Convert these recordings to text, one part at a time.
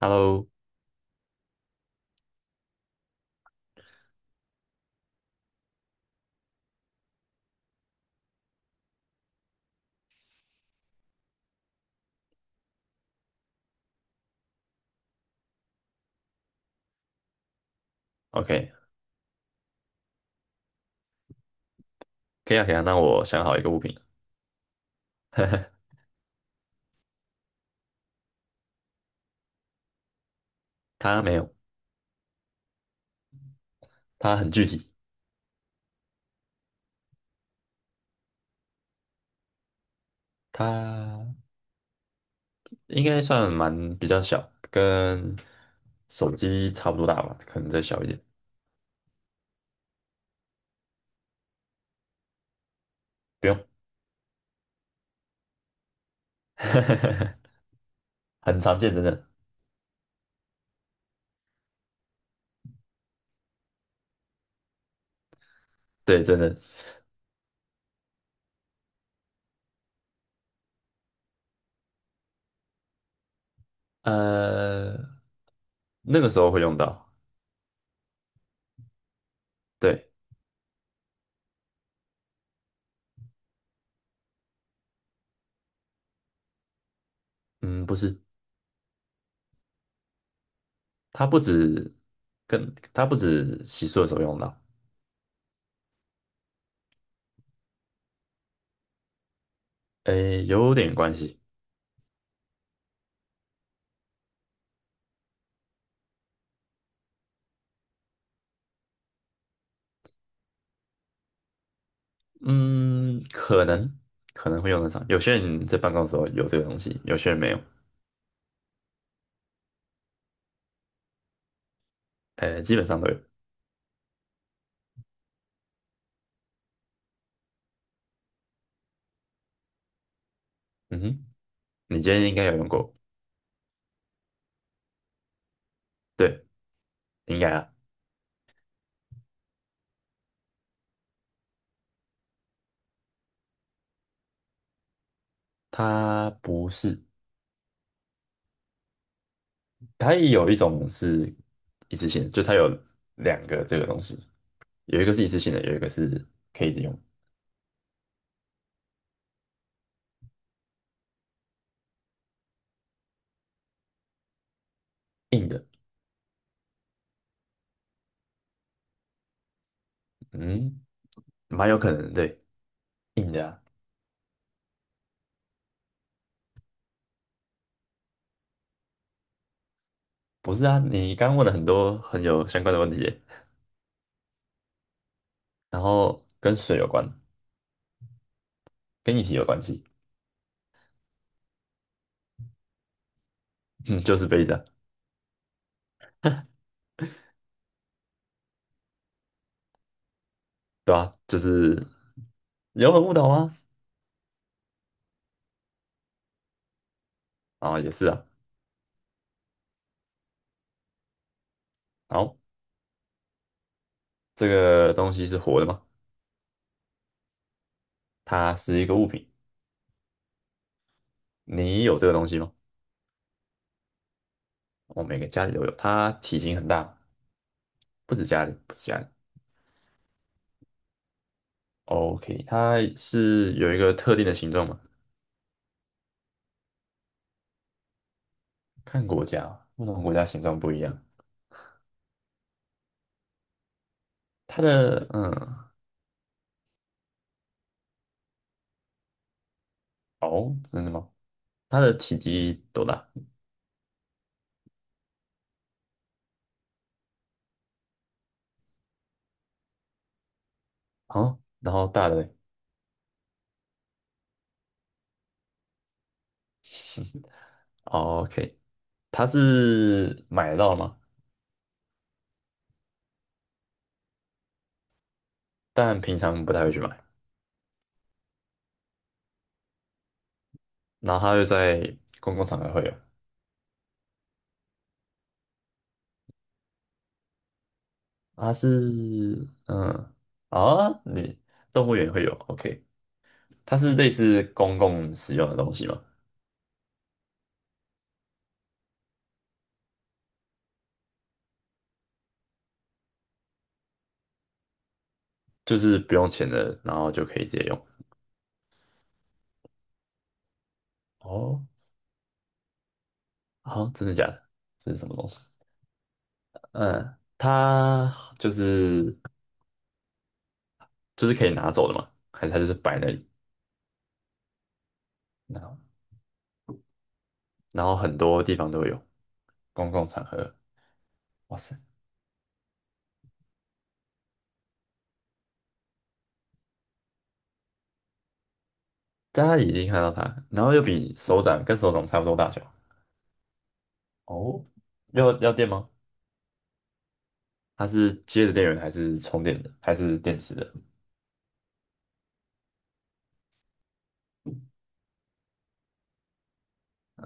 Hello，OK，可以啊，可以啊。那我想好一个物品。它没有，它很具体，它应该算蛮比较小，跟手机差不多大吧，可能再小一点。不用。很常见，真的。对，真的。呃，那个时候会用到。对。嗯，不是，它不止它不止洗漱的时候用到，诶，有点关系。嗯，可能会用得上。有些人在办公的时候有这个东西，有些人没有。呃，基本上都有。嗯哼，你今天应该有用过，对，应该啊。它不是，它也有一种是一次性的，就它有两个这个东西，有一个是一次性的，有一个是可以一直用。硬的。嗯，蛮有可能的，对，硬的啊。不是啊，你刚刚问了很多很有相关的问题耶。然后跟水有关，跟液体有关系。嗯，就是杯子啊。对啊，就是有很误导吗？啊，哦也是啊。好，这个东西是活的吗？它是一个物品。你有这个东西吗？我每个家里都有，它体型很大，不止家里，不止家里。OK，它是有一个特定的形状吗？看国家哦，为什么国家形状不一样。它的嗯，哦，真的吗？它的体积多大？哦，然后大的。 OK， 它是买得到吗？但平常不太会去买，然后它又在公共场合会有。它是嗯，啊，你动物园会有，OK。它是类似公共使用的东西吗？就是不用钱的，然后就可以直接用。哦，好，真的假的？这是什么东西？嗯，它就是就是可以拿走的嘛？还是它就是摆那里？然后然后很多地方都有，公共场合。哇塞，大家已经看到它，然后又比手掌跟手掌差不多大小。哦，要要电吗？它是接的电源还是充电的，还是电池的？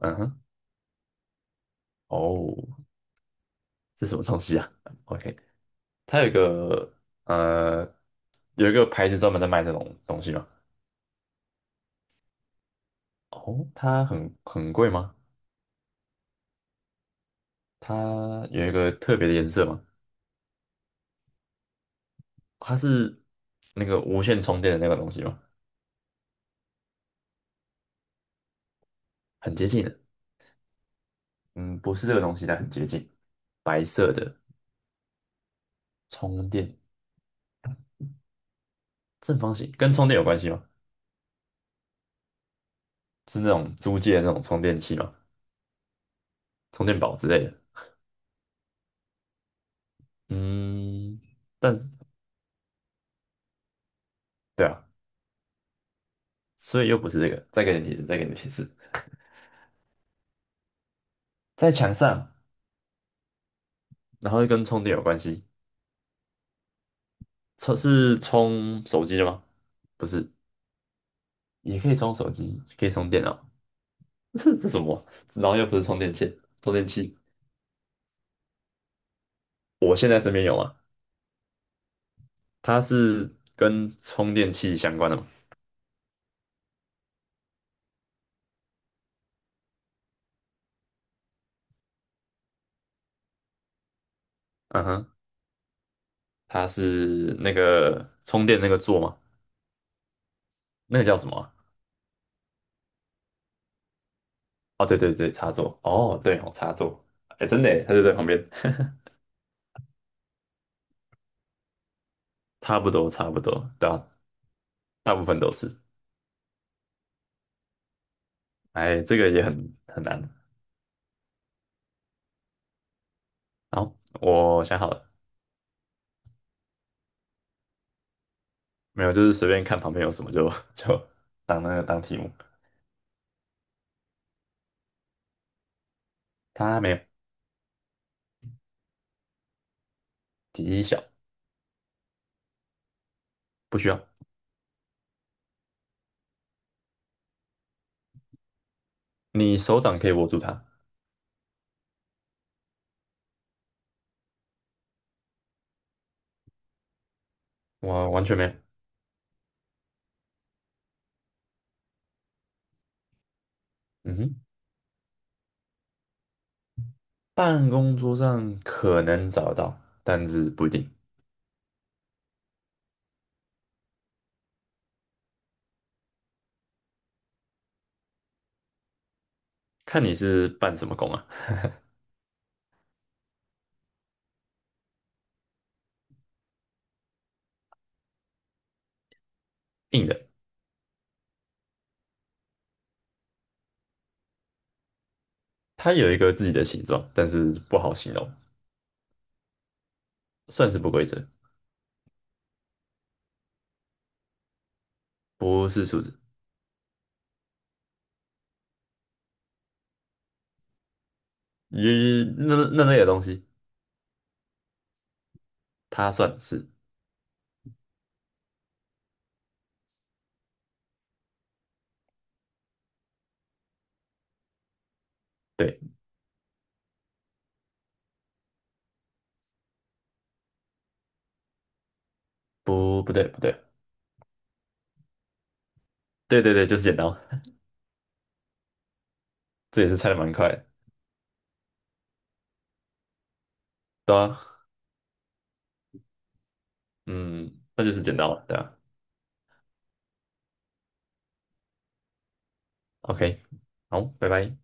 嗯哼，哦，这什么东西啊？OK。它有一个呃，有一个牌子专门在卖这种东西吗？哦，它很很贵吗？它有一个特别的颜色吗？它是那个无线充电的那个东西吗？很接近的。嗯，不是这个东西，但很接近，白色的充电，正方形，跟充电有关系吗？是那种租借的那种充电器吗？充电宝之类的？嗯，但是对啊，所以又不是这个，再给你提示，再给你提示，在墙上，然后又跟充电有关系。充是充手机的吗？不是，也可以充手机，可以充电脑。这这什么？然后又不是充电线、充电器。我现在身边有啊，它是跟充电器相关的吗？嗯哼，它是那个充电那个座吗？那个叫什么啊。哦，对对对，插座。哦，对哦，插座。哎，真的耶，它就在旁边。差不多，差不多，对啊，大部分都是。哎，这个也很很难。好，我想好了。没有，就是随便看旁边有什么就 就当那个当题目。它没有，体积小，不需要。你手掌可以握住它，我完全没有。嗯哼，办公桌上可能找得到，但是不一定，看你是办什么工啊。硬的，它有一个自己的形状，但是不好形容，算是不规则，不是数字。咦，那那类的东西，它算是对，不不对不对，对对对，就是剪刀。这也是猜的蛮快的，对啊，嗯，那就是剪刀了，对吧？OK，好，拜拜。